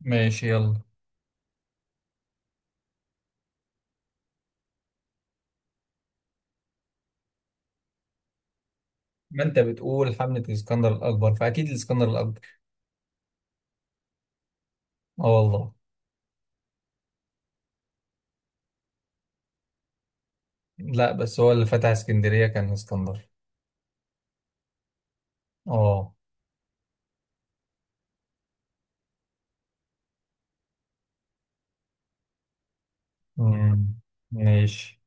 ماشي، يلا. ما انت بتقول حملة الاسكندر الاكبر فاكيد الاسكندر الاكبر. اه، والله. لا، بس هو اللي فتح اسكندرية كان اسكندر. اه. مم. ماشي.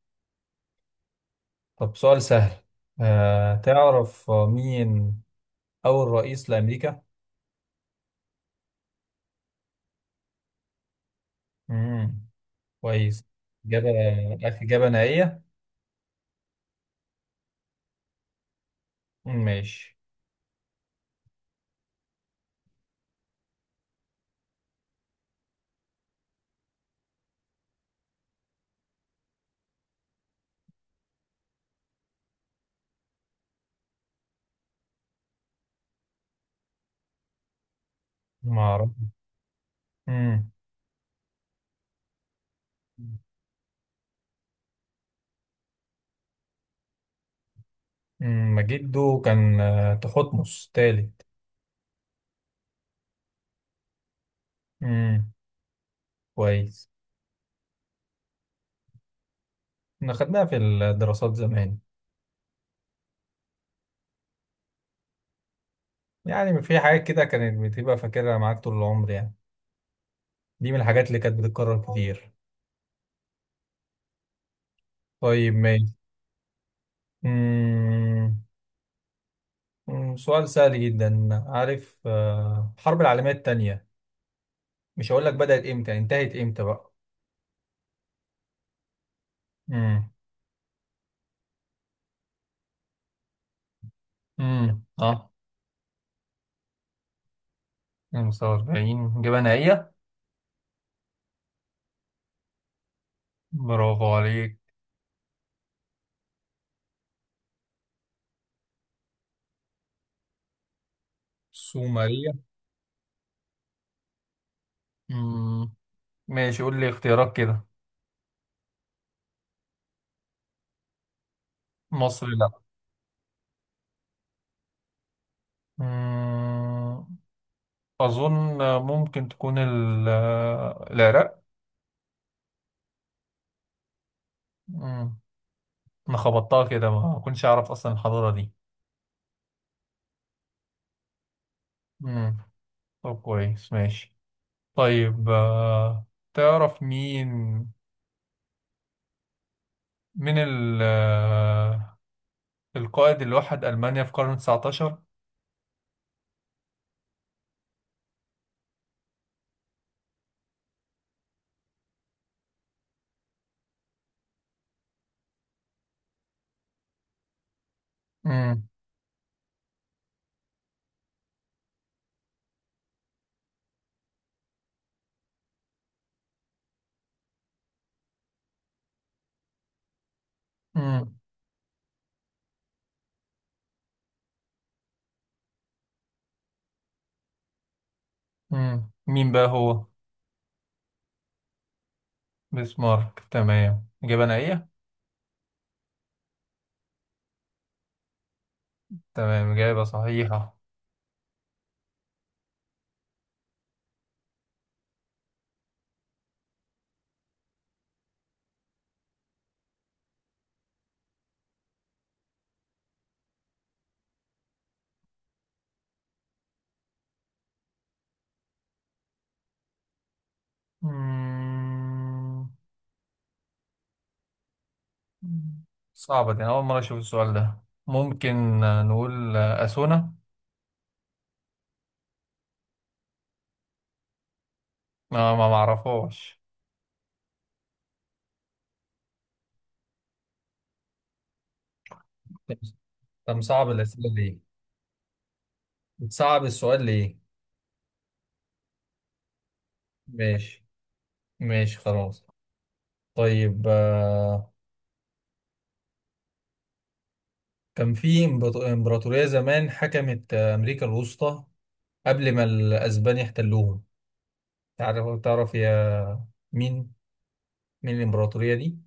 طب، سؤال سهل. تعرف مين اول رئيس لامريكا؟ مم. كويس. اجابة، اجابة نهائية. ماشي. ما اعرف. مم. مم. جده كان تحتمس تالت. مم. كويس. احنا خدناها في الدراسات زمان. يعني في حاجات كده كانت بتبقى فاكرها معاك طول العمر، يعني دي من الحاجات اللي كانت بتتكرر كتير. طيب، ماشي. أمم، أمم، سؤال سهل جدا. عارف الحرب العالمية التانية؟ مش هقول لك بدأت امتى، انتهت امتى بقى؟ امم اه، 45. إجابة نهائية. برافو عليك. سومرية. امم ماشي، قول لي اختيارات كده. مصر، لا. امم أظن ممكن تكون العراق. انا خبطتها كده، ما كنتش اعرف اصلا الحضارة دي. امم طب، كويس، ماشي. طيب. تعرف مين من ال آه، القائد اللي وحد ألمانيا في القرن 19؟ امم امم مين بقى هو؟ بسمارك، تمام، إجابة نهائية. تمام، إجابة صحيحة. مم. صعبة دي، أنا أول مرة أشوف السؤال ده. ممكن نقول أثونا. ما معرفهاش. طب، طب صعب الأسئلة دي. بتصعب السؤال ليه؟ ماشي، ماشي، خلاص. طيب. كان في إمبراطورية زمان حكمت أمريكا الوسطى قبل ما الأسبان يحتلوهم. تعرف مين مين الإمبراطورية دي؟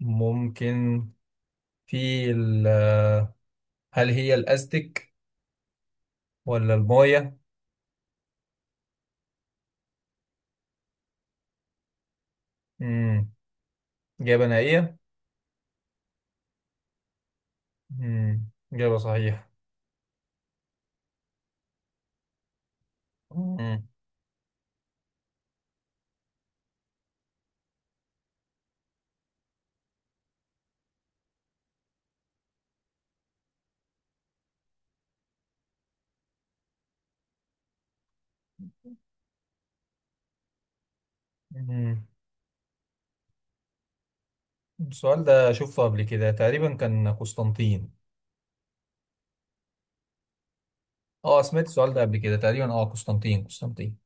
ممكن. في ال- آه، هل هي الأزتك ولا المايا؟ مم. إجابة نهائية؟ مم. إجابة صحيحة. مم. مم. السؤال ده شفته قبل كده، تقريبا كان قسطنطين. اه، سمعت السؤال ده قبل كده تقريبا. اه، قسطنطين، قسطنطين.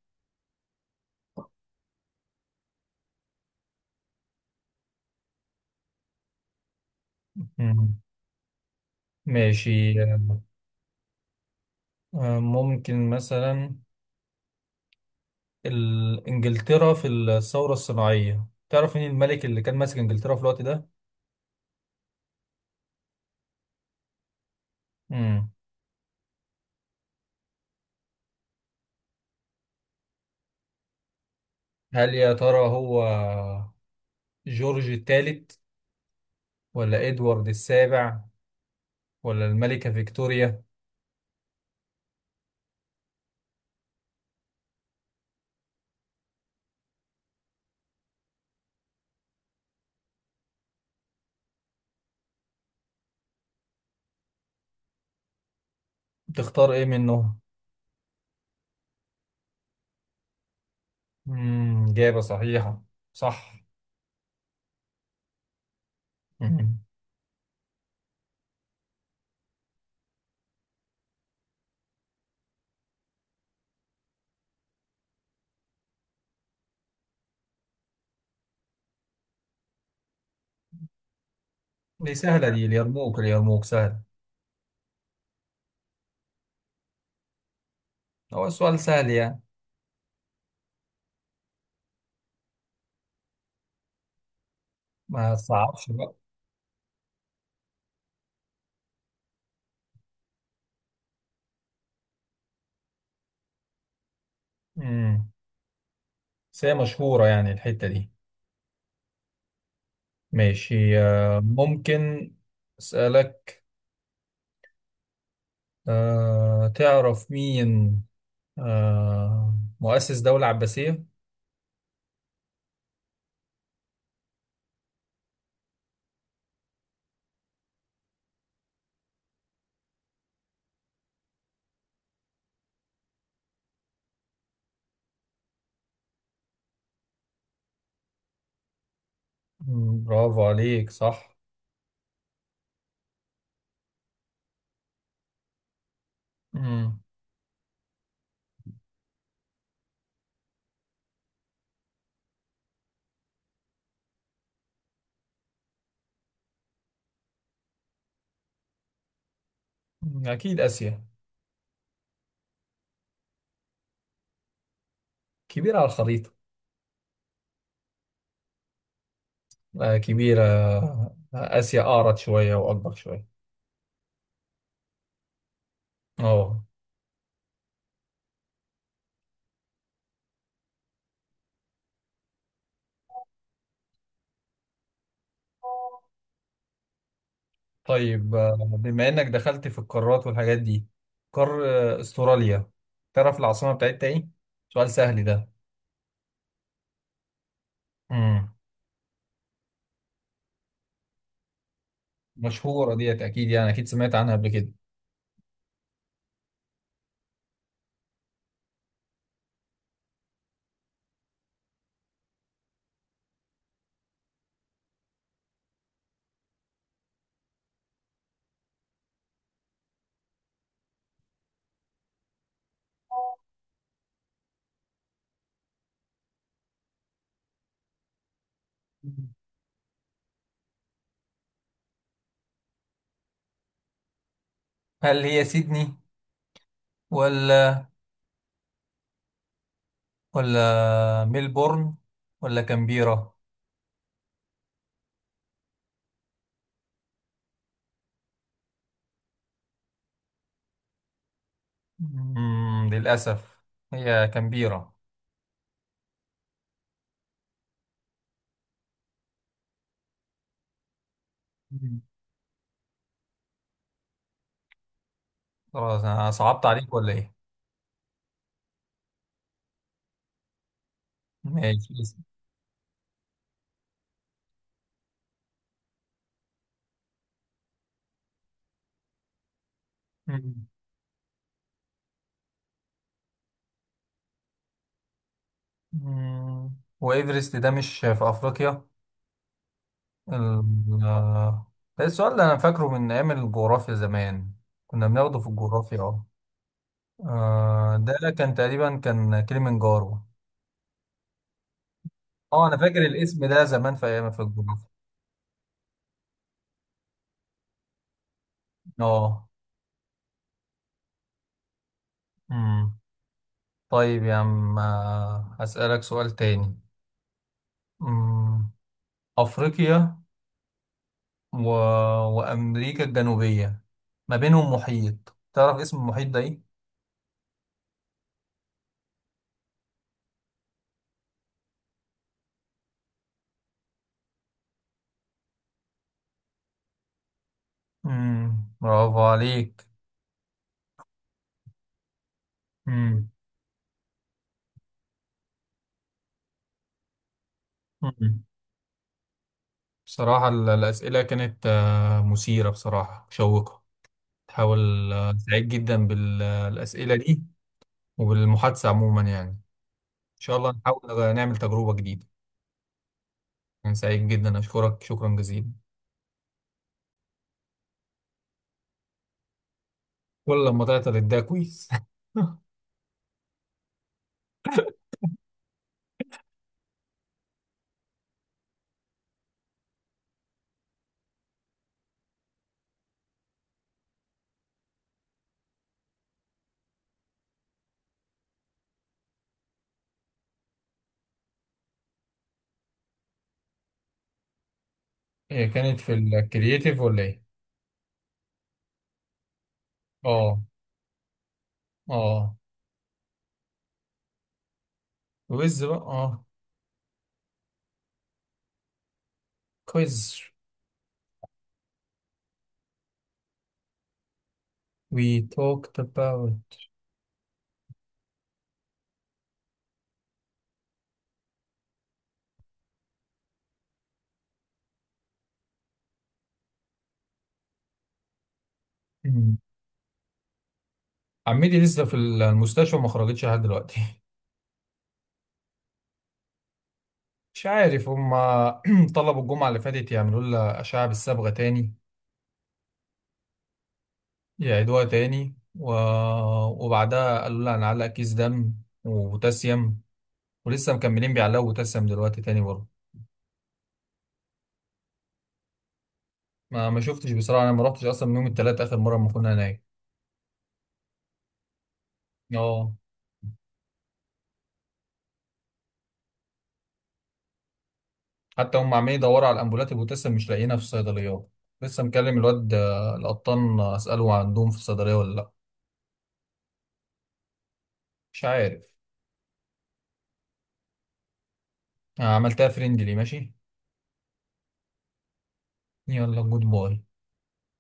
مم. ماشي. ممكن مثلا انجلترا في الثورة الصناعية، تعرف مين الملك اللي كان ماسك انجلترا في الوقت ده؟ مم. هل يا ترى هو جورج الثالث ولا ادوارد السابع ولا الملكة فيكتوريا؟ تختار ايه منهم؟ مم. إجابة صحيحة. صح. مم. دي سهلة، دي اليرموك، اليرموك سهل. هو السؤال سهل يعني، ما صعبش بقى. مم. بس هي مشهورة يعني الحتة دي. ماشي. ممكن أسألك. تعرف مين مؤسس دولة عباسية؟ برافو عليك، صح. مم، أكيد آسيا. كبيرة على الخريطة. كبيرة، آسيا أعرض شوية وأكبر شوية. أه. طيب، بما إنك دخلت في القارات والحاجات دي. قار آه، أستراليا، تعرف العاصمة بتاعتها إيه؟ سؤال سهل ده. مم. مشهورة ديت، أكيد يعني، أكيد سمعت عنها قبل كده. هل هي سيدني ولا ولا ميلبورن ولا كامبيرا؟ للأسف هي كامبيرا. خلاص، أنا صعبت عليك ولا إيه؟ ماشي. مم. مم. وإيفرست ده مش في أفريقيا. ال- آه، ده السؤال اللي أنا فاكره من أيام الجغرافيا زمان. كنا بناخده في الجغرافيا. أه. ده كان تقريبا كان كليمنجارو. اه، انا فاكر الاسم ده زمان في ايام في الجغرافيا. اه. امم طيب يا عم، هسألك سؤال تاني. امم افريقيا و... وامريكا الجنوبية، ما بينهم محيط، تعرف اسم المحيط ده ايه؟ برافو عليك. امم امم بصراحة الأسئلة كانت مثيرة، بصراحة مشوقة. تحاول، سعيد جدا بالأسئلة دي. وبالمحادثة عموما يعني. إن شاء الله نحاول نعمل تجربة جديدة. كان سعيد جدا، أشكرك شكرا جزيلا. ولا لما تعطل ده كويس. هي كانت في الكرييتيف ولا ايه؟ اه. اه. ويز بقى، اه. كويز. we talked about. مم. عمتي لسه في المستشفى، ما خرجتش لحد دلوقتي. مش عارف، هما طلبوا الجمعة اللي فاتت يعملوا لها أشعة بالصبغة تاني. يعيدوها تاني، وبعدها قالوا لها هنعلق كيس دم وبوتاسيوم. ولسه مكملين بيعلقوا بوتاسيوم دلوقتي تاني برضه. ما شفتش بصراحه، انا ما رحتش اصلا من يوم الثلاث اخر مره ما كنا هناك. اه. حتى هم عمالين يدوروا على الامبولات ولسه مش لاقيينها في الصيدليات. لسه مكلم الواد القطان، اساله عندهم في الصيدليه ولا لا. مش عارف. عملتها فريندلي، ماشي، يلا جود باي.